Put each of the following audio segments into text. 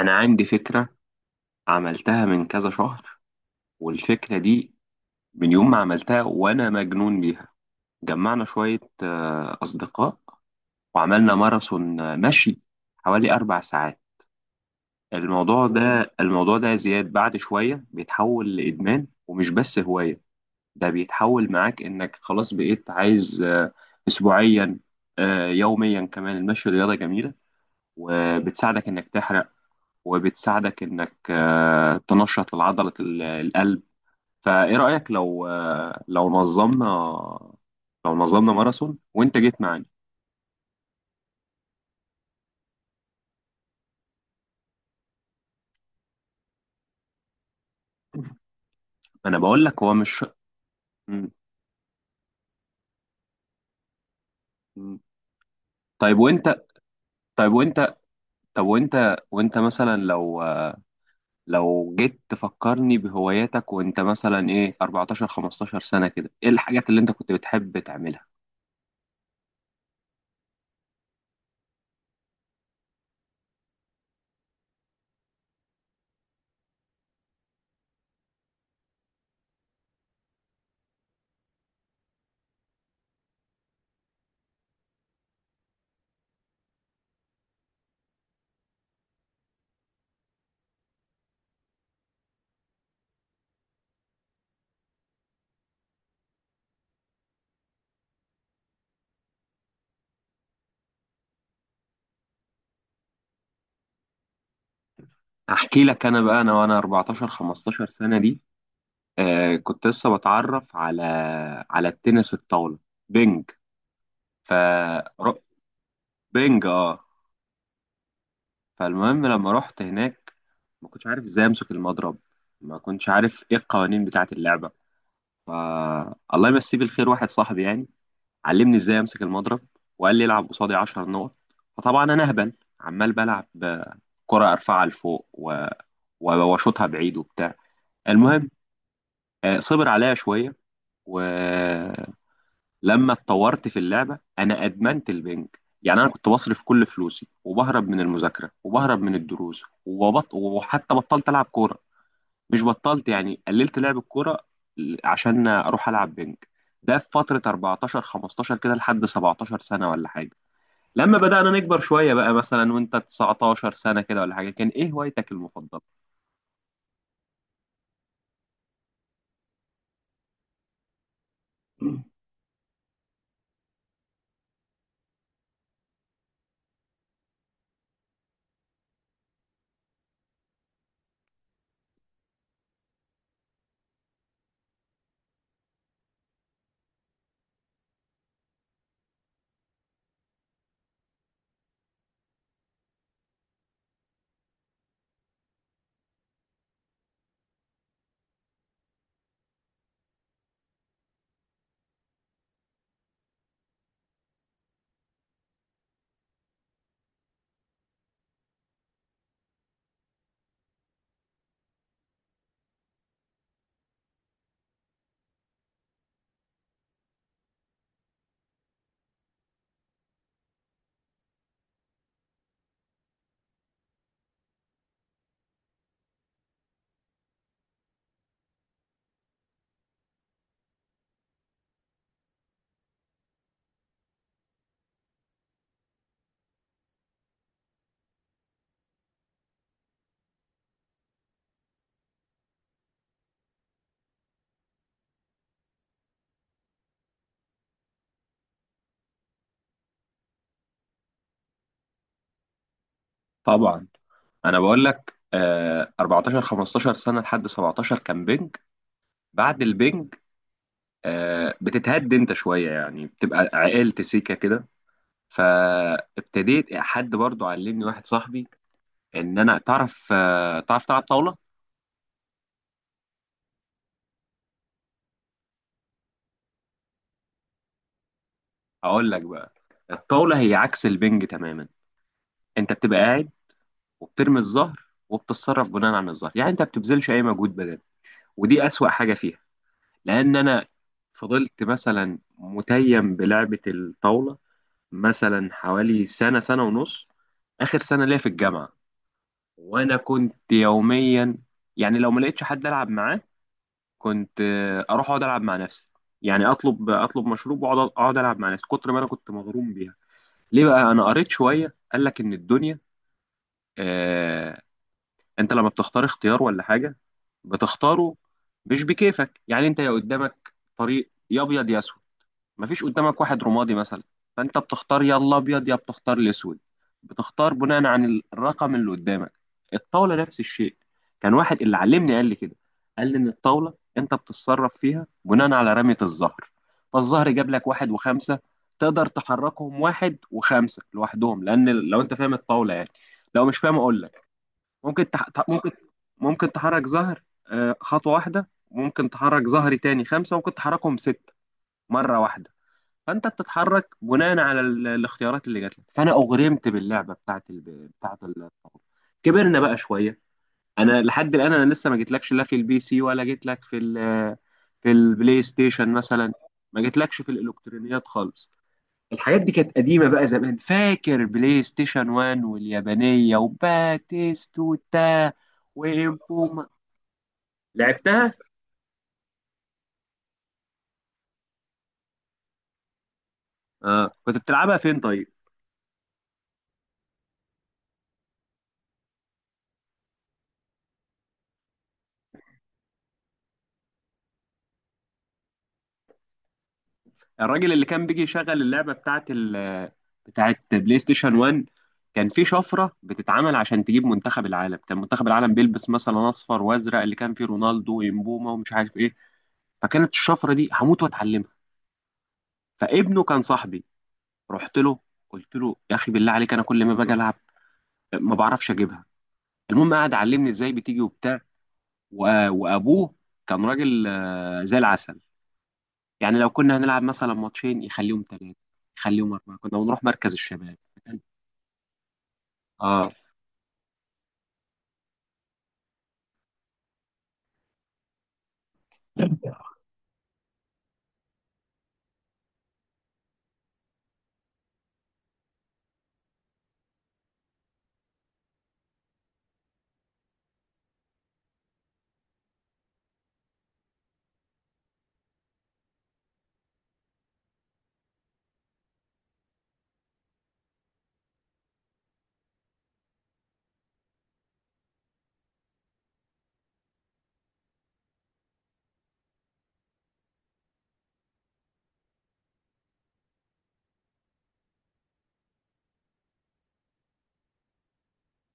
أنا عندي فكرة، عملتها من كذا شهر. والفكرة دي من يوم ما عملتها وأنا مجنون بيها. جمعنا شوية أصدقاء، وعملنا ماراثون مشي حوالي أربع ساعات. الموضوع ده الموضوع ده يا زياد، بعد شوية بيتحول لإدمان ومش بس هواية. ده بيتحول معاك إنك خلاص بقيت عايز أسبوعيا، يوميا كمان. المشي رياضة جميلة، وبتساعدك إنك تحرق، وبتساعدك انك تنشط لعضلة القلب. فايه رأيك لو نظمنا ماراثون وانت جيت معانا؟ انا بقول لك هو مش م- م. طيب وانت طيب وانت طب وانت وانت مثلا لو جيت تفكرني بهواياتك. وانت مثلا ايه، 14 15 سنة كده، ايه الحاجات اللي انت كنت بتحب تعملها؟ احكي لك انا بقى، انا وانا 14 15 سنة دي، كنت لسه بتعرف على التنس الطاولة، بينج ف ر- بينج اه فالمهم لما رحت هناك، ما كنتش عارف ازاي امسك المضرب، ما كنتش عارف ايه القوانين بتاعة اللعبة. ف الله يمسيه بالخير، واحد صاحبي يعني علمني ازاي امسك المضرب، وقال لي العب قصادي 10 نقط. فطبعا انا اهبل، عمال بلعب كرة، ارفعها لفوق واشوطها بعيد وبتاع. المهم، صبر عليا شوية، و لما اتطورت في اللعبه انا ادمنت البنك. يعني انا كنت بصرف كل فلوسي، وبهرب من المذاكره، وبهرب من الدروس، وحتى بطلت العب كوره. مش بطلت يعني، قللت لعب الكوره عشان اروح العب بنك. ده في فتره 14 15 كده لحد 17 سنه ولا حاجه. لما بدانا نكبر شويه بقى، مثلا وانت 19 سنه كده ولا حاجه، كان ايه هوايتك المفضله؟ طبعا. انا بقول لك، 14 15 سنه لحد 17 كان بنج. بعد البنج بتتهد انت شويه، يعني بتبقى عقلت سيكه كده. فابتديت، حد برضو علمني، واحد صاحبي، ان انا تعرف تلعب طاوله. اقول لك بقى، الطاوله هي عكس البنج تماما. انت بتبقى قاعد، وبترمي الظهر، وبتتصرف بناء عن الظهر. يعني انت ما بتبذلش اي مجهود بدني، ودي اسوأ حاجه فيها. لان انا فضلت مثلا متيم بلعبه الطاوله، مثلا حوالي سنه سنه ونص، اخر سنه ليا في الجامعه. وانا كنت يوميا، يعني لو ما لقيتش حد العب معاه كنت اروح اقعد العب مع نفسي. يعني اطلب مشروب واقعد العب مع نفسي، كتر ما انا كنت مغروم بيها. ليه بقى؟ انا قريت شويه، قال لك ان الدنيا، آه انت لما بتختار اختيار ولا حاجه، بتختاره مش بكيفك. يعني انت، يا قدامك طريق يا ابيض يا اسود، مفيش قدامك واحد رمادي مثلا. فانت بتختار، يا الابيض يا بتختار الاسود، بتختار بناء عن الرقم اللي قدامك. الطاوله نفس الشيء. كان واحد اللي علمني قال لي كده، قال لي ان الطاوله انت بتتصرف فيها بناء على رميه الزهر. فالزهر جاب لك واحد وخمسه، تقدر تحركهم واحد وخمسه لوحدهم. لان لو انت فاهم الطاوله يعني، لو مش فاهم اقول لك. ممكن تح... تح- ممكن ممكن تحرك زهر خطوه واحده، ممكن تحرك زهري تاني خمسه، ممكن تحركهم سته مره واحده. فانت بتتحرك بناء على الاختيارات اللي جات لك، فانا اغرمت باللعبه بتاعت بتاعت الطاوله. كبرنا بقى شويه. انا لحد الان، انا لسه ما جيتلكش لا في البي سي ولا جيتلك في في البلاي ستيشن مثلا، ما جيتلكش في الالكترونيات خالص. الحاجات دي كانت قديمه بقى زمان، فاكر بلاي ستيشن 1 واليابانيه وباتيستوتا وبوما، لعبتها. اه كنت بتلعبها فين طيب؟ الراجل اللي كان بيجي يشغل اللعبه بتاعت بتاعت بلاي ستيشن 1، كان في شفره بتتعمل عشان تجيب منتخب العالم. كان منتخب العالم بيلبس مثلا اصفر وازرق، اللي كان فيه رونالدو ويمبوما ومش عارف ايه. فكانت الشفره دي هموت واتعلمها. فابنه كان صاحبي، رحت له قلت له يا اخي بالله عليك، انا كل ما باجي العب ما بعرفش اجيبها. المهم قعد علمني ازاي بتيجي وبتاع. وابوه كان راجل زي العسل. يعني لو كنا هنلعب مثلا ماتشين يخليهم ثلاثه، يخليهم اربعه، كنا بنروح مركز الشباب. اه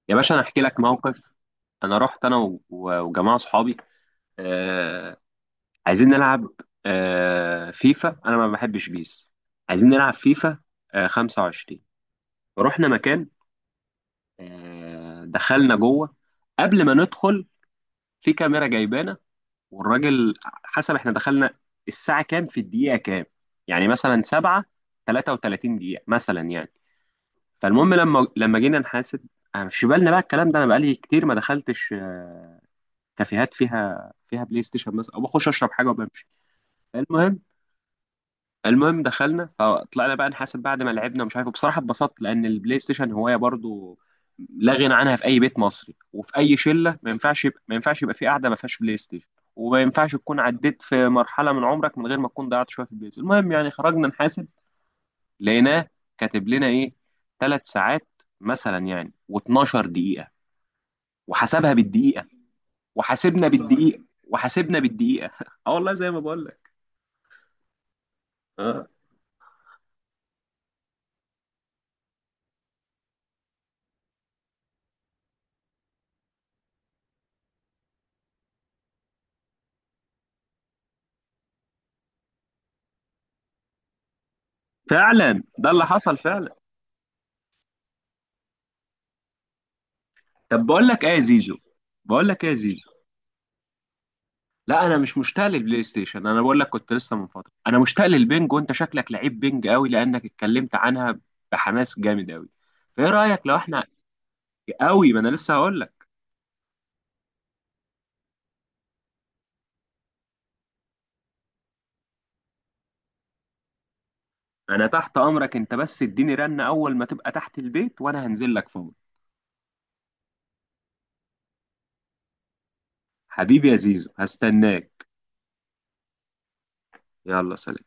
يا باشا، انا احكي لك موقف. انا رحت، انا وجماعه صحابي آه عايزين نلعب فيفا، انا ما بحبش بيس، عايزين نلعب فيفا 25. رحنا مكان، دخلنا جوه. قبل ما ندخل، في كاميرا جايبانا، والراجل حسب احنا دخلنا الساعه كام في الدقيقه كام، يعني مثلا 7 33 دقيقه مثلا يعني. فالمهم لما جينا نحاسب. أنا مش في بالنا بقى الكلام ده، انا بقالي كتير ما دخلتش كافيهات فيها بلاي ستيشن مثلا، او بخش اشرب حاجه وبمشي. المهم المهم دخلنا، فطلعنا بقى نحاسب بعد ما لعبنا. مش عارف بصراحه اتبسطت، لان البلاي ستيشن هوايه برضو لا غنى عنها في اي بيت مصري وفي اي شله. ما ينفعش يبقى، في قاعده ما فيهاش بلاي ستيشن. وما ينفعش تكون عديت في مرحله من عمرك من غير ما تكون ضيعت شويه في البلاي ستيشن. المهم يعني خرجنا نحاسب، لقيناه كاتب لنا ايه، ثلاث ساعات مثلا يعني و12 دقيقة، وحسبها بالدقيقة، وحاسبنا بالدقيقة، وحاسبنا بالدقيقة. اه والله زي ما بقول لك. اه فعلا، ده اللي حصل فعلا. طب بقول لك ايه يا زيزو، بقول لك ايه يا زيزو، لا انا مش مشتاق للبلاي ستيشن. انا بقول لك، كنت لسه من فترة انا مشتاق للبنج، وانت شكلك لعيب بنج قوي لانك اتكلمت عنها بحماس جامد قوي. فايه رأيك لو احنا، قوي، ما انا لسه هقول. انا تحت امرك انت، بس اديني رنة اول ما تبقى تحت البيت وانا هنزل لك فور. حبيبي يا زيزو، هستناك. يلا سلام.